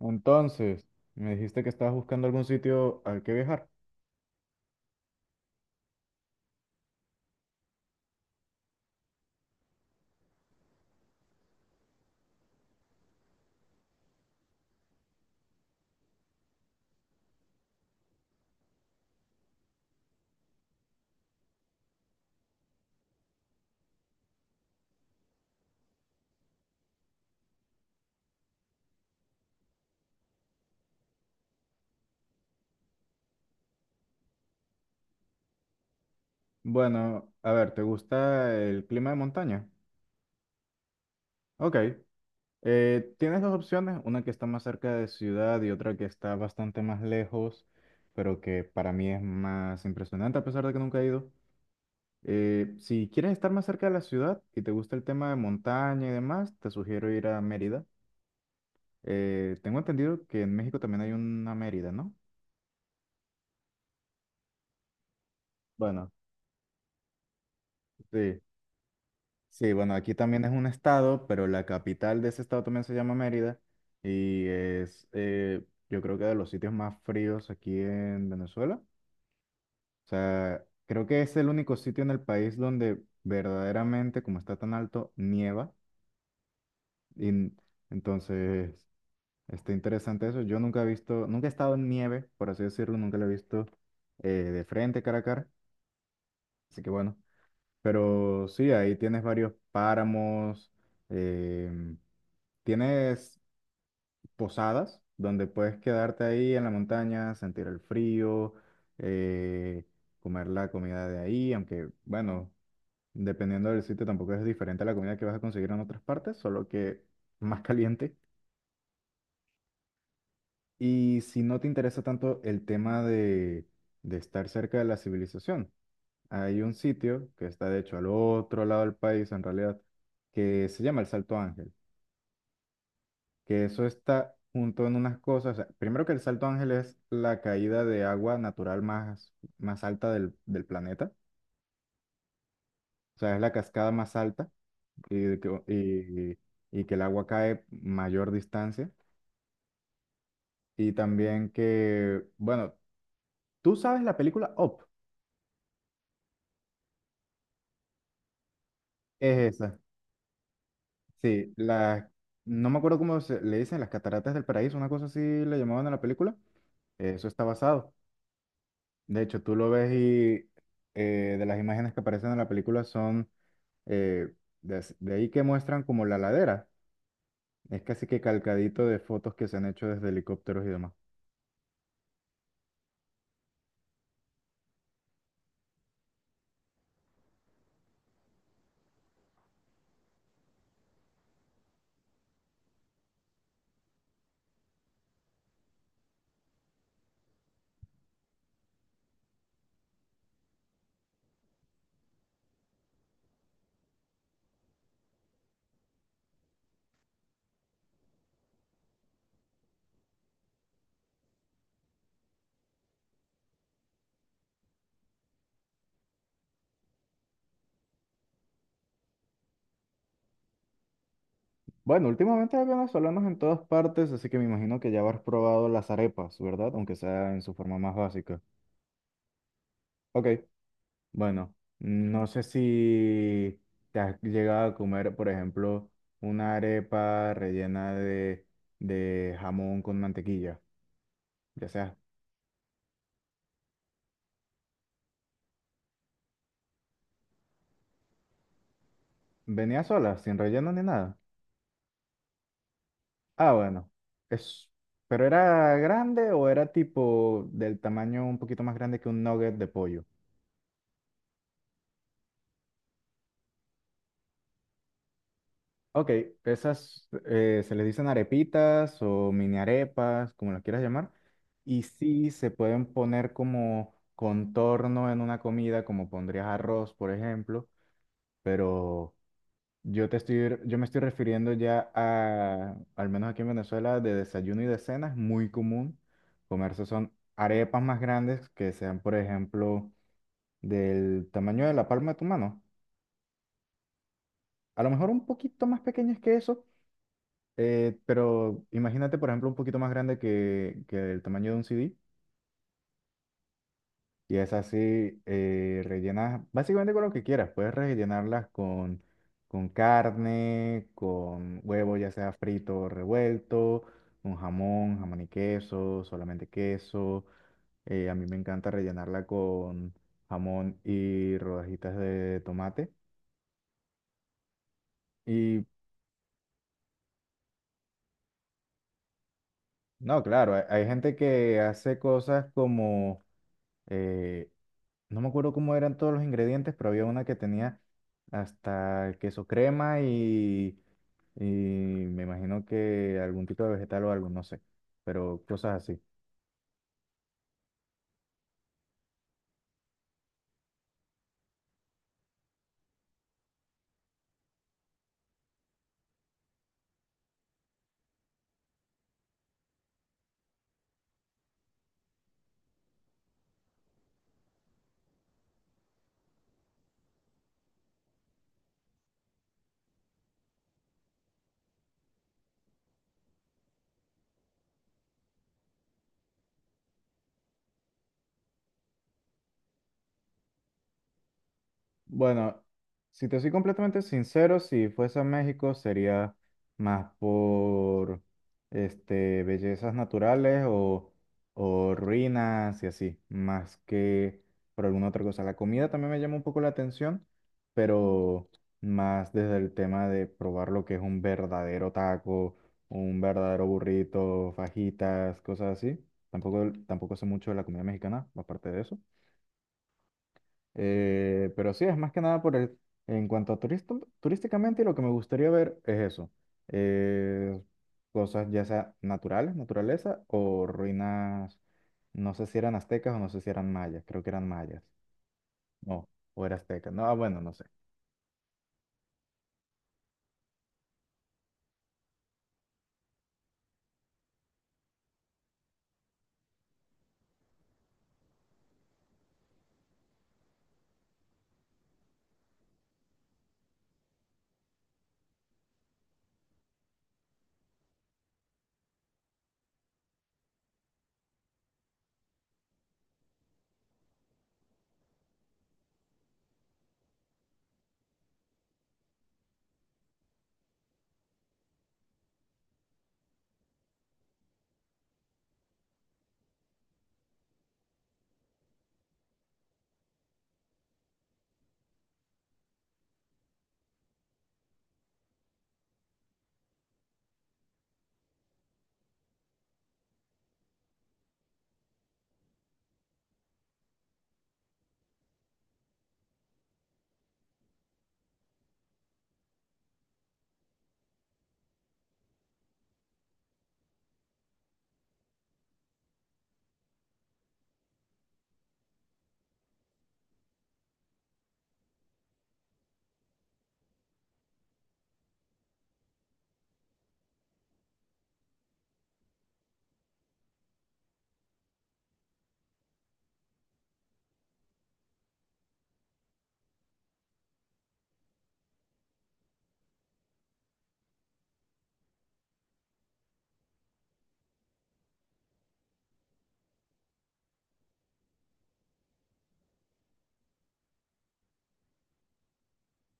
Entonces, me dijiste que estabas buscando algún sitio al que viajar. Bueno, a ver, ¿te gusta el clima de montaña? Ok. Tienes dos opciones, una que está más cerca de ciudad y otra que está bastante más lejos, pero que para mí es más impresionante a pesar de que nunca he ido. Si quieres estar más cerca de la ciudad y te gusta el tema de montaña y demás, te sugiero ir a Mérida. Tengo entendido que en México también hay una Mérida, ¿no? Bueno, sí. Sí, bueno, aquí también es un estado, pero la capital de ese estado también se llama Mérida y es, yo creo que de los sitios más fríos aquí en Venezuela. O sea, creo que es el único sitio en el país donde verdaderamente, como está tan alto, nieva. Y n- entonces, está interesante eso. Yo nunca he visto, nunca he estado en nieve, por así decirlo, nunca lo he visto de frente, cara a cara. Así que bueno, pero sí, ahí tienes varios páramos. em, Tienes posadas donde puedes quedarte ahí en la montaña, sentir el frío, eh, comer la comida de ahí, aunque bueno, dependiendo del sitio tampoco es diferente a la comida que vas a conseguir en otras partes, solo que más caliente. Y si no te interesa tanto el tema de estar cerca de la civilización, hay un sitio que está de hecho al otro lado del país en realidad, que se llama el Salto Ángel, que eso está junto en unas cosas. O sea, primero que el Salto Ángel es la caída de agua natural más alta del planeta. O sea, es la cascada más alta y, de que, y que el agua cae mayor distancia. Y también que, bueno, tú sabes la película Up, es esa. Sí, no me acuerdo cómo le dicen, las cataratas del paraíso, una cosa así le llamaban a la película. Eso está basado. De hecho, tú lo ves y de las imágenes que aparecen en la película son eh, ahí que muestran como la ladera. Es casi que calcadito de fotos que se han hecho desde helicópteros y demás. Bueno, últimamente hay venezolanos en todas partes, así que me imagino que ya habrás probado las arepas, ¿verdad? Aunque sea en su forma más básica. Ok, bueno, no sé si te has llegado a comer, por ejemplo, una arepa rellena de jamón con mantequilla, ya sea, venía sola, sin relleno ni nada. Ah, bueno. Es... ¿Pero era grande o era tipo del tamaño un poquito más grande que un nugget de pollo? Ok, esas se les dicen arepitas o mini arepas, como las quieras llamar. Y sí, se pueden poner como contorno en una comida, como pondrías arroz, por ejemplo, pero... yo me estoy refiriendo ya al menos aquí en Venezuela, de desayuno y de cena, es muy común comerse son arepas más grandes que sean, por ejemplo, del tamaño de la palma de tu mano. A lo mejor un poquito más pequeñas que eso, pero imagínate, por ejemplo, un poquito más grande que el tamaño de un CD. Y es así, rellenas básicamente con lo que quieras. Puedes rellenarlas con carne, con huevo, ya sea frito o revuelto, con jamón, jamón y queso, solamente queso. A mí me encanta rellenarla con jamón y rodajitas de tomate. Y no, claro, hay gente que hace cosas como, eh, no me acuerdo cómo eran todos los ingredientes, pero había una que tenía hasta queso crema y me imagino que algún tipo de vegetal o algo, no sé, pero cosas así. Bueno, si te soy completamente sincero, si fuese a México sería más por este, bellezas naturales o ruinas y así, más que por alguna otra cosa. La comida también me llama un poco la atención, pero más desde el tema de probar lo que es un verdadero taco, un verdadero burrito, fajitas, cosas así. Tampoco sé mucho de la comida mexicana, aparte de eso. Pero sí, es más que nada por en cuanto a turísticamente, lo que me gustaría ver es eso. eh, Cosas ya sea naturales, naturaleza, o ruinas, no sé si eran aztecas o no sé si eran mayas, creo que eran mayas. No, o era azteca. No, ah, bueno, no sé.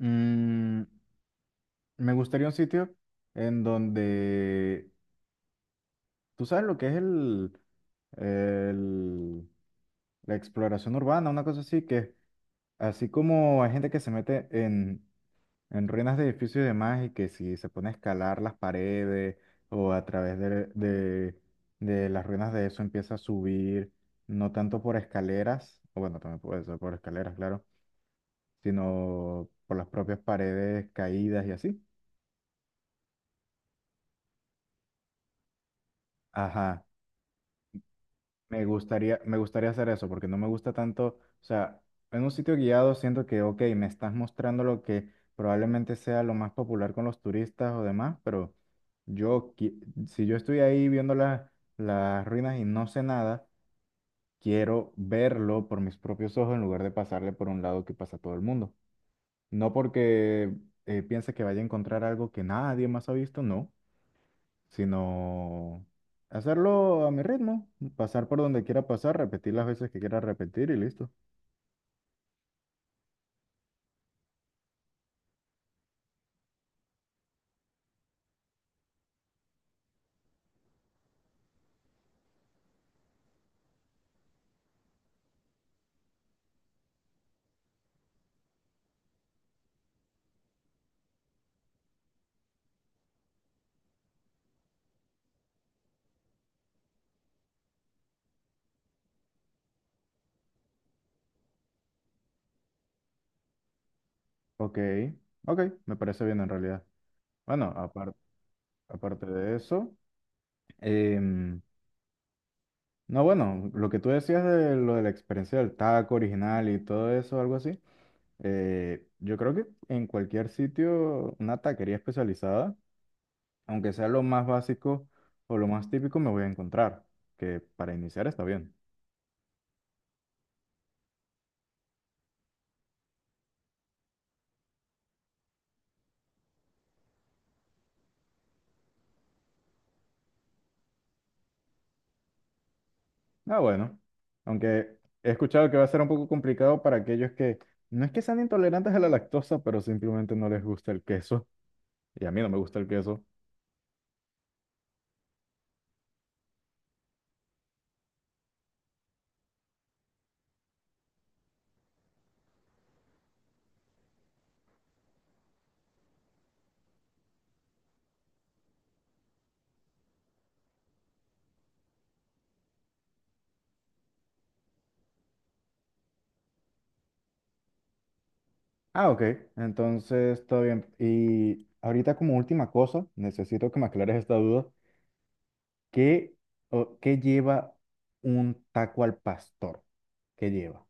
Mm, me gustaría un sitio en donde, tú sabes lo que es el- la exploración urbana, una cosa así, que así como hay gente que se mete en ruinas de edificios y demás, y que si se pone a escalar las paredes o a través de las ruinas de eso empieza a subir, no tanto por escaleras, o bueno, también puede ser por escaleras, claro, sino por las propias paredes caídas y así. Ajá. Me gustaría hacer eso porque no me gusta tanto, o sea, en un sitio guiado siento que, ok, me estás mostrando lo que probablemente sea lo más popular con los turistas o demás, pero si yo estoy ahí viendo las ruinas y no sé nada, quiero verlo por mis propios ojos en lugar de pasarle por un lado que pasa todo el mundo. No porque piense que vaya a encontrar algo que nadie más ha visto, no, sino hacerlo a mi ritmo, pasar por donde quiera pasar, repetir las veces que quiera repetir y listo. Ok, ok, me parece bien en realidad. Bueno, aparte de eso, em, no, bueno, lo que tú decías de lo de la experiencia del taco original y todo eso, algo así, yo creo que en cualquier sitio, una taquería especializada, aunque sea lo más básico o lo más típico, me voy a encontrar, que para iniciar está bien. Ah, bueno. Aunque he escuchado que va a ser un poco complicado para aquellos que no es que sean intolerantes a la lactosa, pero simplemente no les gusta el queso. Y a mí no me gusta el queso. Ah, ok. Entonces, todo bien. Y ahorita como última cosa, necesito que me aclares esta duda. ¿Qué, o, qué lleva un taco al pastor? ¿Qué lleva?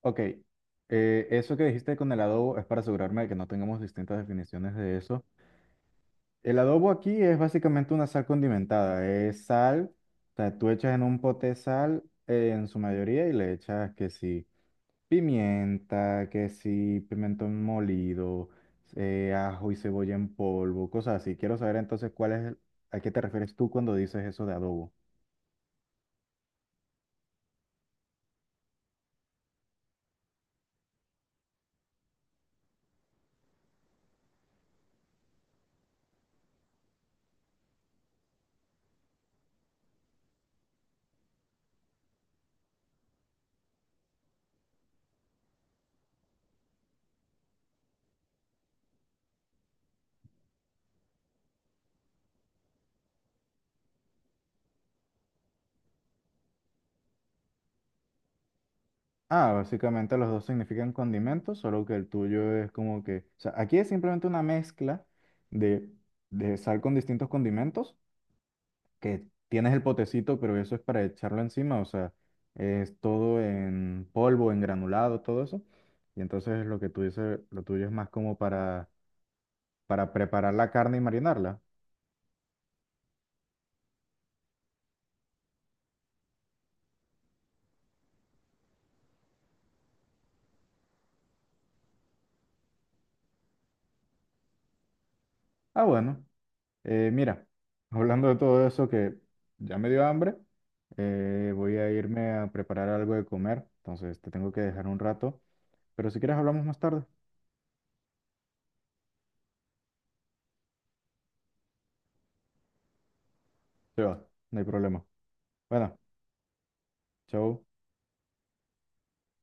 Ok. Eso que dijiste con el adobo es para asegurarme de que no tengamos distintas definiciones de eso. El adobo aquí es básicamente una sal condimentada. Es sal, o sea, tú echas en un pote sal en su mayoría y le echas que sí, pimienta, que sí, pimentón molido, ajo y cebolla en polvo, cosas así. Quiero saber entonces cuál es, a qué te refieres tú cuando dices eso de adobo. Ah, básicamente los dos significan condimentos, solo que el tuyo es como que, o sea, aquí es simplemente una mezcla de, de sal con distintos condimentos que tienes el potecito, pero eso es para echarlo encima, o sea, es todo en polvo, en granulado, todo eso. Y entonces lo que tú dices, lo tuyo es más como para preparar la carne y marinarla. Ah, bueno, mira, hablando de todo eso que ya me dio hambre, voy a irme a preparar algo de comer, entonces te tengo que dejar un rato, pero si quieres hablamos más tarde. Se va, no hay problema. Bueno, chao.